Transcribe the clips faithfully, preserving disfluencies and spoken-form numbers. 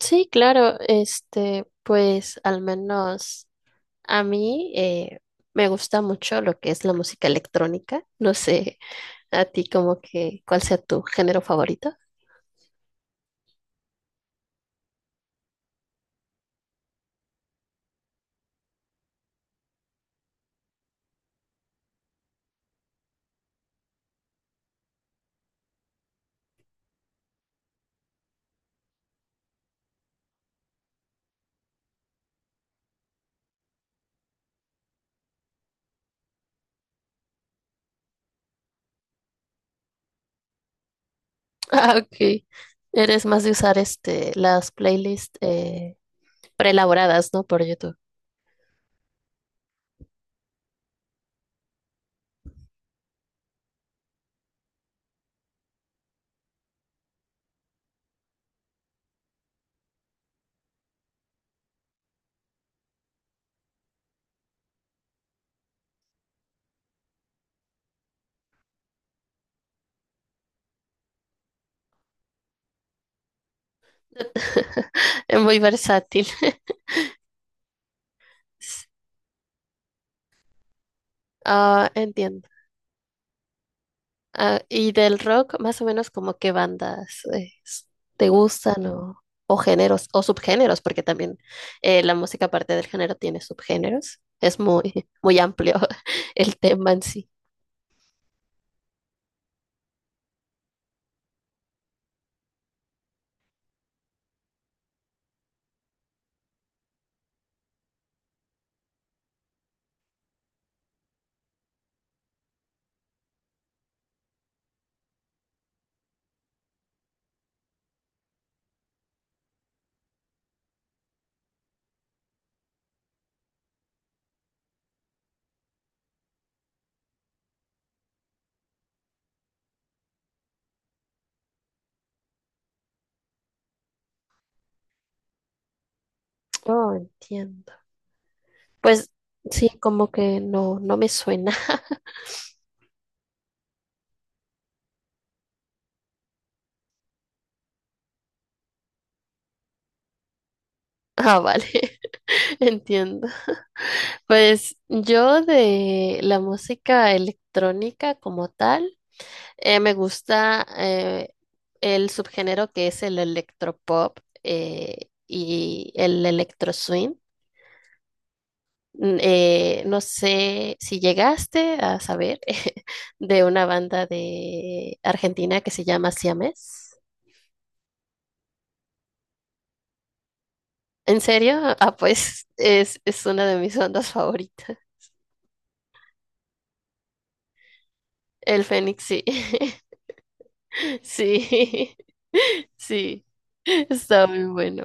Sí, claro, este, pues al menos a mí eh, me gusta mucho lo que es la música electrónica. No sé, a ti como que, ¿cuál sea tu género favorito? Ah, ok. Eres más de usar este, las playlists eh, preelaboradas, ¿no? Por YouTube. Es muy versátil. Ah, entiendo. Ah, y del rock, más o menos como qué bandas eh, s- te gustan o, o géneros o subgéneros, porque también eh, la música aparte del género tiene subgéneros. Es muy, muy amplio el tema en sí. Oh, entiendo. Pues sí, como que no, no me suena. Ah, vale, entiendo. Pues yo de la música electrónica como tal, eh, me gusta eh, el subgénero que es el electropop eh, y el electro swing. N- eh, no sé si llegaste a saber de una banda de Argentina que se llama Siames. ¿En serio? Ah, pues es, es una de mis bandas favoritas. El Fénix, sí. Sí, sí, está muy bueno.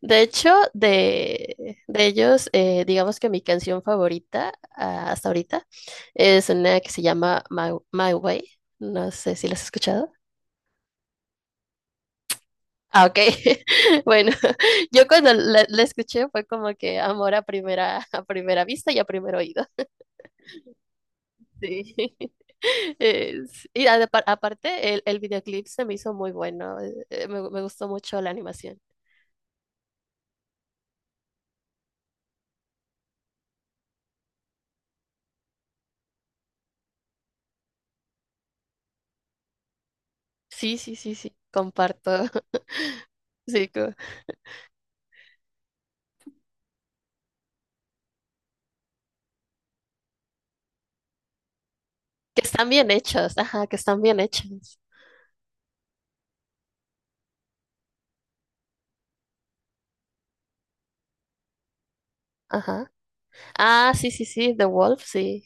De hecho, de, de ellos, eh, digamos que mi canción favorita ah, hasta ahorita es una que se llama My, My Way. No sé si la has escuchado. Ah, ok. Bueno, yo cuando la, la escuché fue como que amor a primera, a primera vista y a primer oído. Sí. Es- y ade- apar- aparte, el, el videoclip se me hizo muy bueno. Eh, eh, Me, me gustó mucho la animación. Sí, sí, sí, sí. Comparto. Sí, co- que están bien hechos. Ajá, que están bien hechos. Ajá. Ah, sí, sí, sí. The Wolf, sí.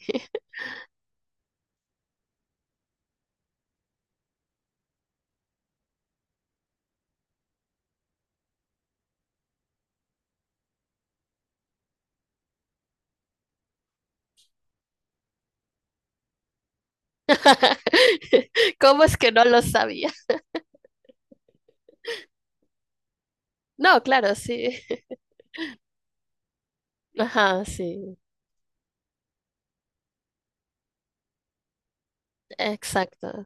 ¿Cómo es que no lo sabía? No, claro, sí. Ajá, sí. Exacto.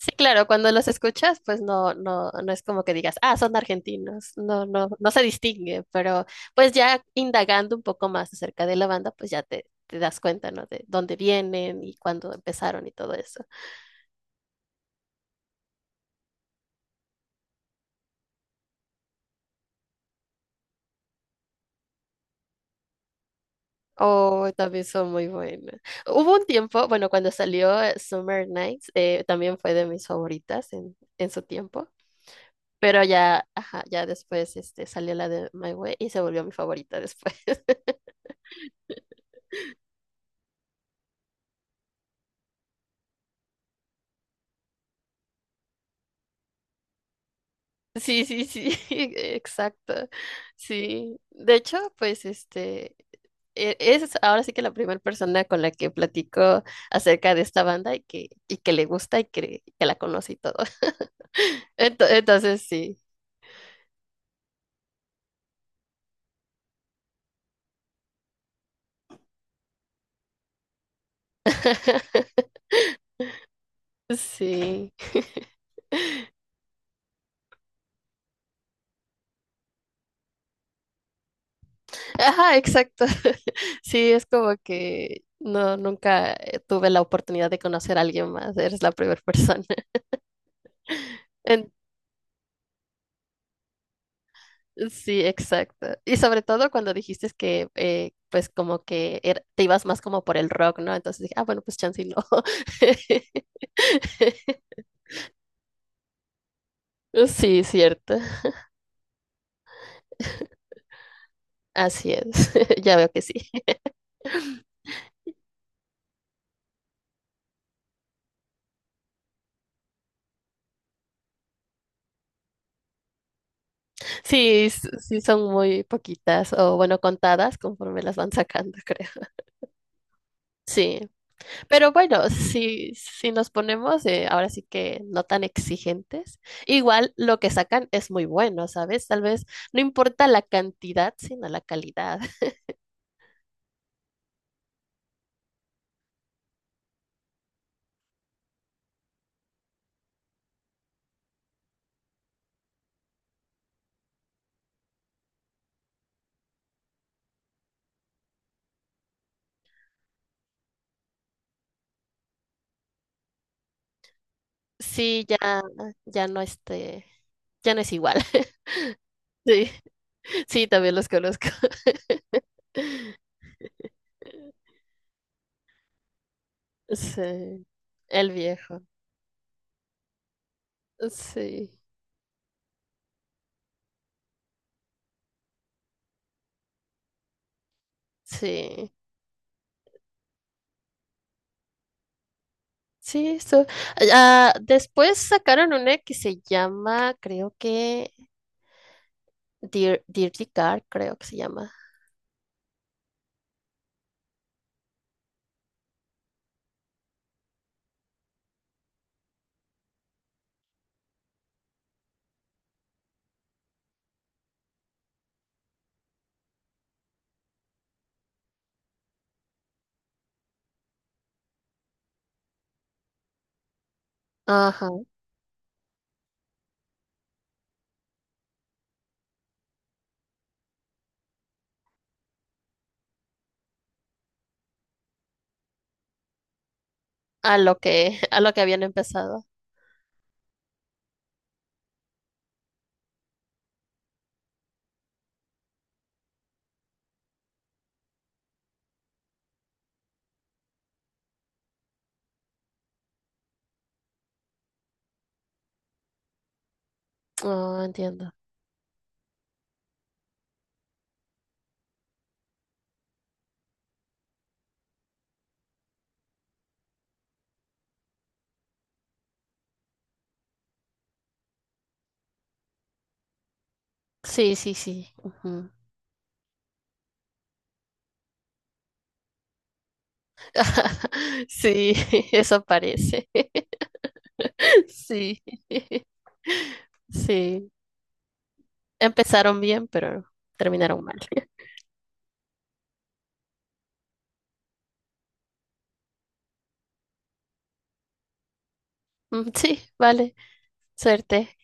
Sí, claro, cuando los escuchas, pues no, no, no es como que digas, ah, son argentinos, no, no, no se distingue, pero pues ya indagando un poco más acerca de la banda, pues ya te, te das cuenta, ¿no? De dónde vienen y cuándo empezaron y todo eso. Oh, también son muy buenas. Hubo un tiempo, bueno, cuando salió eh, Summer Nights, eh, también fue de mis favoritas en, en su tiempo, pero ya, ajá, ya después este, salió la de My Way y se volvió mi favorita después. Sí, sí, sí, exacto. Sí. De hecho, pues este e- es ahora sí que la primera persona con la que platico acerca de esta banda y que, y que le gusta y que, que la conoce y todo. Ento- Entonces, sí. Sí. Ajá, exacto. Sí, es como que no, nunca eh, tuve la oportunidad de conocer a alguien más. Eres la primera persona. Sí, exacto. Y sobre todo cuando dijiste que, eh, pues, como que era- te ibas más como por el rock, ¿no? Entonces dije, ah, bueno, pues chance y no. Sí, cierto. Así es. Ya veo que sí. Sí, s- sí son muy poquitas o, bueno, contadas conforme las van sacando, creo. Sí. Pero bueno, si, si nos ponemos eh, ahora sí que no tan exigentes, igual lo que sacan es muy bueno, ¿sabes? Tal vez no importa la cantidad, sino la calidad. Sí, ya, ya no este, ya no es igual. Sí, sí, también los conozco. Sí, el viejo. Sí, sí, sí, eso. Ah, después sacaron una que se llama, creo que Dir Dirty Car, creo que se llama. Ajá, a lo que, a lo que habían empezado. Oh, entiendo. Sí, sí, sí. Ujú. Sí, eso parece. Sí, sí. Empezaron bien, pero terminaron mal. Mm, sí, vale. Suerte.